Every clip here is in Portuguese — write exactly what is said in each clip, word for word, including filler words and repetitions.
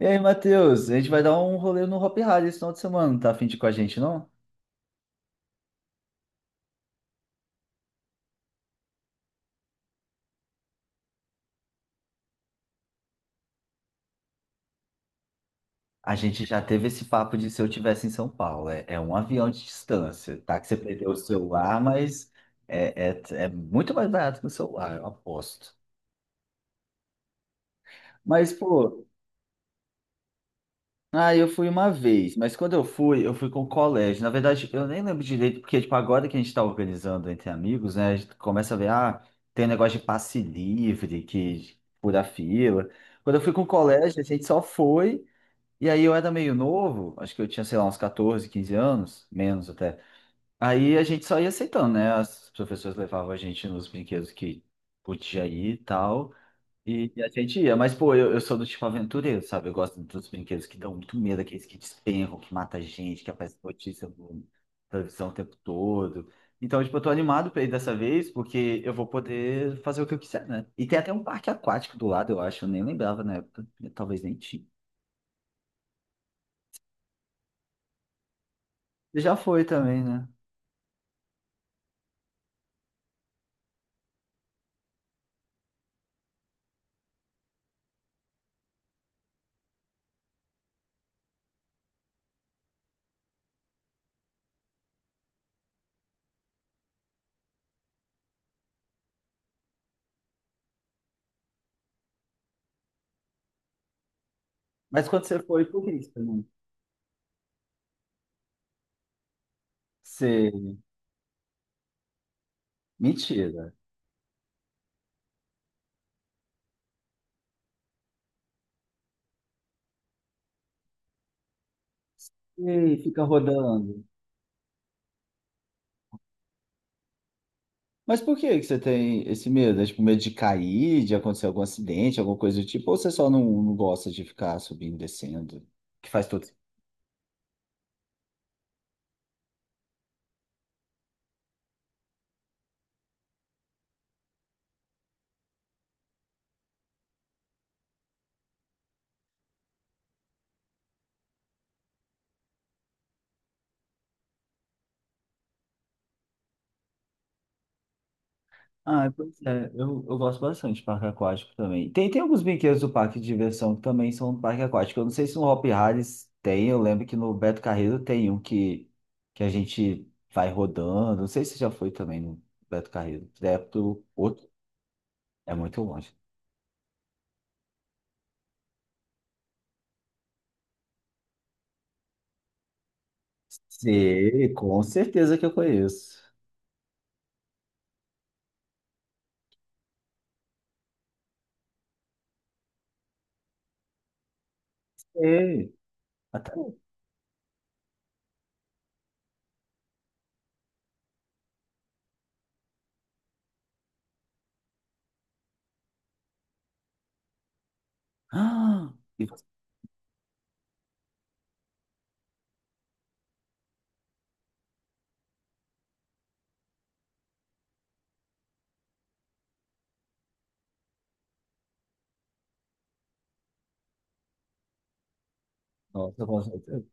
E aí, Matheus, a gente vai dar um rolê no Hop Hari esse final de semana, tá a fim de ir com a gente, não? A gente já teve esse papo de se eu tivesse em São Paulo, é, é um avião de distância, tá? Que você perdeu o celular, mas é, é, é muito mais barato que o celular, eu aposto. Mas, pô, ah, eu fui uma vez, mas quando eu fui, eu fui com o colégio. Na verdade, eu nem lembro direito, porque, tipo, agora que a gente tá organizando entre amigos, né, a gente começa a ver, ah, tem um negócio de passe livre, que fura fila. Quando eu fui com o colégio, a gente só foi. E aí eu era meio novo, acho que eu tinha, sei lá, uns quatorze, quinze anos, menos até. Aí a gente só ia aceitando, né? As professoras levavam a gente nos brinquedos que podia ir e tal, e e a gente ia. Mas, pô, eu, eu sou do tipo aventureiro, sabe? Eu gosto dos brinquedos que dão muito medo, aqueles que despencam, que mata gente, que aparece notícia no- na televisão o tempo todo. Então, tipo, eu tô animado pra ir dessa vez, porque eu vou poder fazer o que eu quiser, né? E tem até um parque aquático do lado, eu acho, eu nem lembrava na época, talvez nem tinha. Já foi também, né? Mas quando você foi, por que que você não? Você. Mentira. E fica rodando. Mas por que que você tem esse medo? É tipo medo de cair, de acontecer algum acidente, alguma coisa do tipo? Ou você só não, não gosta de ficar subindo e descendo? Que faz todo sentido. Ah, pois é. Eu, eu gosto bastante de parque aquático também. Tem, tem alguns brinquedos do parque de diversão que também são do parque aquático. Eu não sei se no Hopi Harris tem. Eu lembro que no Beto Carreiro tem um que, que a gente vai rodando. Não sei se já foi também no Beto Carreiro. É pro outro. É muito longe. Sim, com certeza que eu conheço. Sim, até. Ah, e você... Nossa, com certeza.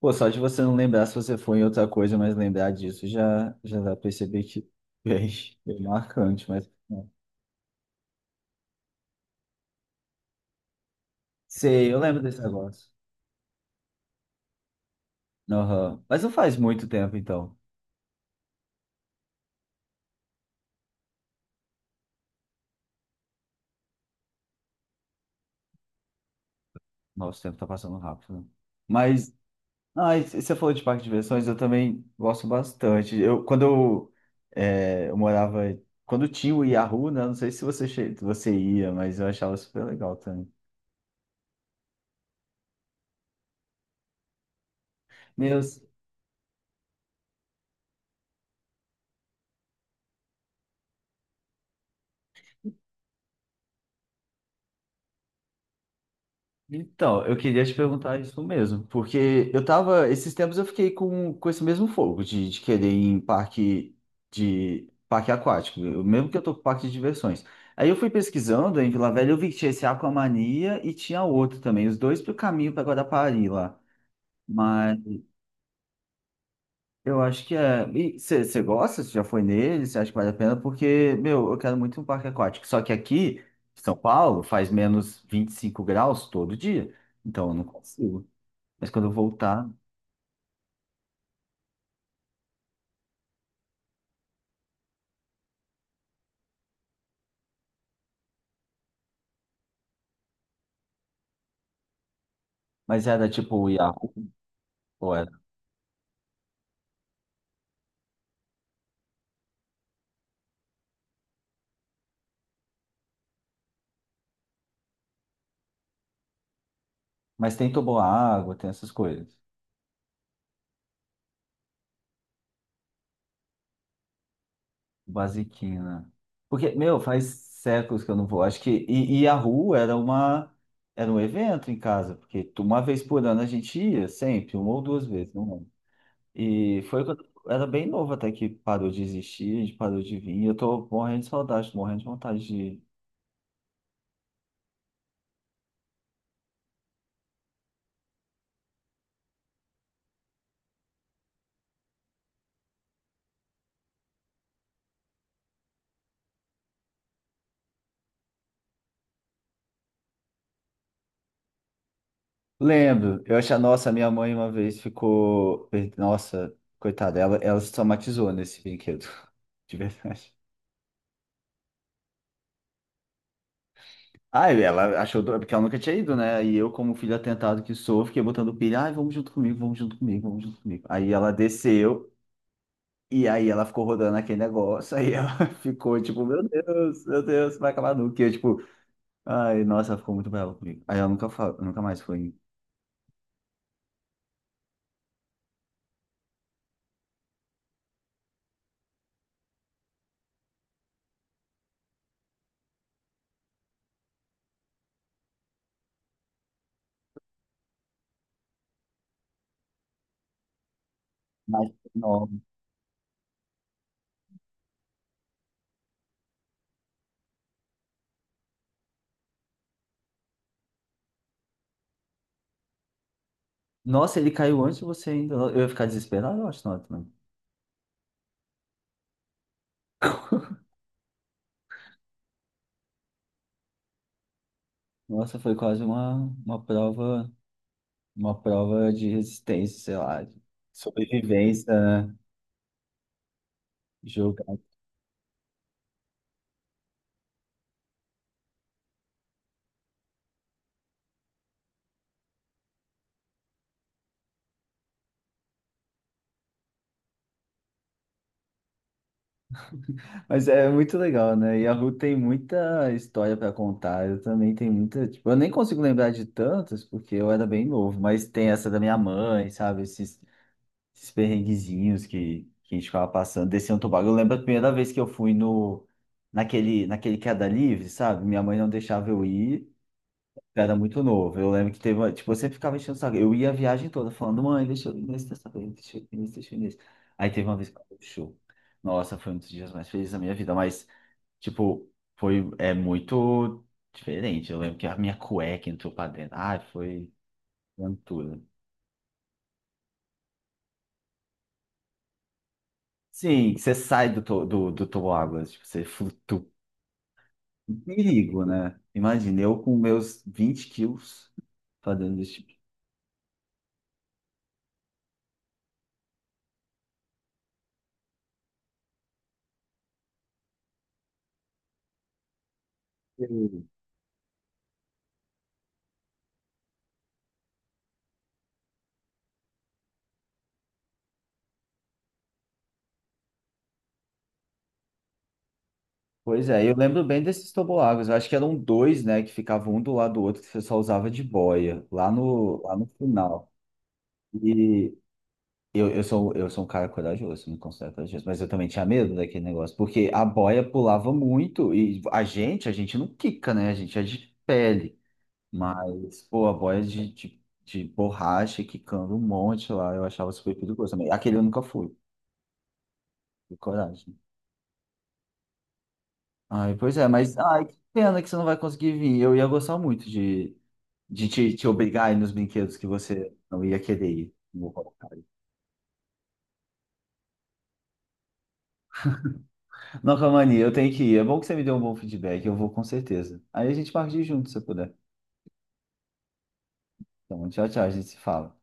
Pô, só de você não lembrar se você foi em outra coisa, mas lembrar disso já, já dá pra perceber que é bem, bem marcante, mas. Não. Sei, eu lembro desse negócio. Aham. Mas não faz muito tempo, então. Nossa, o tempo tá passando rápido, né? Mas ah, e você falou de parque de diversões, eu também gosto bastante. Eu, quando eu, é, eu morava, quando tinha o Yahoo, né? Não sei se você, che- você ia, mas eu achava super legal também. Meus, então, eu queria te perguntar isso mesmo, porque eu tava, esses tempos eu fiquei com, com esse mesmo fogo de, de querer ir em parque de parque aquático, eu- mesmo que eu tô com parque de diversões. Aí eu fui pesquisando em Vila Velha, eu vi que tinha esse Aquamania e tinha outro também, os dois pro caminho para Guarapari lá. Eu acho que é. E você gosta? Você já foi nele? Você acha que vale a pena? Porque, meu, eu quero muito um parque aquático. Só que aqui, em São Paulo, faz menos vinte e cinco graus todo dia. Então eu não consigo. Mas quando eu voltar. Mas era tipo o Yahoo, ou era? Mas tem água tem essas coisas. Basiquinho, né? Porque, meu, faz séculos que eu não vou. Acho que. E, e Yahoo era uma. Era um evento em casa. Porque tu- uma vez por ano a gente ia, sempre, uma ou duas vezes, não. E foi quando eu era bem novo até que parou de existir, a gente parou de vir. E eu tô morrendo de saudade, tô morrendo de vontade de. Lembro, eu achei, nossa, minha mãe uma vez ficou. Nossa, coitada, ela, ela se traumatizou nesse brinquedo, de verdade. Ah, e ela achou, do- porque ela nunca tinha ido, né? E eu, como filho atentado que sou, fiquei botando pilha, ai, vamos junto comigo, vamos junto comigo, vamos junto comigo. Aí ela desceu, e aí ela ficou rodando aquele negócio, aí ela ficou tipo, meu Deus, meu Deus, vai acabar nunca. E eu, tipo, ai, nossa, ela ficou muito brava comigo. Aí ela nunca, fa- nunca mais foi. Mas, não. Nossa, ele caiu antes de você ainda. Eu ia ficar desesperado, eu acho, não, também. Nossa, foi quase uma, uma prova, uma prova de resistência, sei lá, de sobrevivência, né? Jogar. Mas é muito legal, né? E a Ru tem muita história para contar. Eu também tenho muita, tipo, eu nem consigo lembrar de tantas, porque eu era bem novo, mas tem essa da minha mãe, sabe? Esses esses perrenguezinhos que, que a gente ficava passando, descendo o toboágua. Eu lembro a primeira vez que eu fui no, naquele, naquele queda livre, sabe? Minha mãe não deixava eu ir, eu era muito novo. Eu lembro que teve uma, tipo, eu sempre ficava enchendo o saco. Eu ia a viagem toda falando, mãe, deixa eu ir nesse dessa vez, deixa eu ir nesse, deixa eu ir nesse. Aí teve uma vez que eu show. Nossa, foi um dos dias mais felizes da minha vida, mas, tipo, foi, é muito diferente. Eu lembro que a minha cueca entrou pra dentro. Ai, foi aventura. Sim, você sai do, to- do, do toboágua, tipo, você flutua. Um perigo, né? Imagina, eu com meus vinte quilos fazendo esse tipo de... coisa. Pois é, eu lembro bem desses toboáguas. Eu acho que eram dois, né, que ficavam um do lado do outro, que você só usava de boia, lá no, lá no final. E eu, eu sou, eu sou um cara corajoso, me considero corajoso, mas eu também tinha medo daquele negócio, porque a boia pulava muito e a gente, a gente não quica, né? A gente é de pele, mas, pô, a boia de, de, de borracha quicando um monte lá, eu achava super perigoso também. Aquele eu nunca fui. Que coragem. Ai, pois é, mas ai, que pena que você não vai conseguir vir. Eu ia gostar muito de, de te, te obrigar a ir nos brinquedos que você não ia querer ir. Não, vou colocar aí. Não, Camani, eu tenho que ir. É bom que você me deu um bom feedback, eu vou com certeza. Aí a gente parte de junto se eu puder. Então, tchau, tchau, a gente se fala.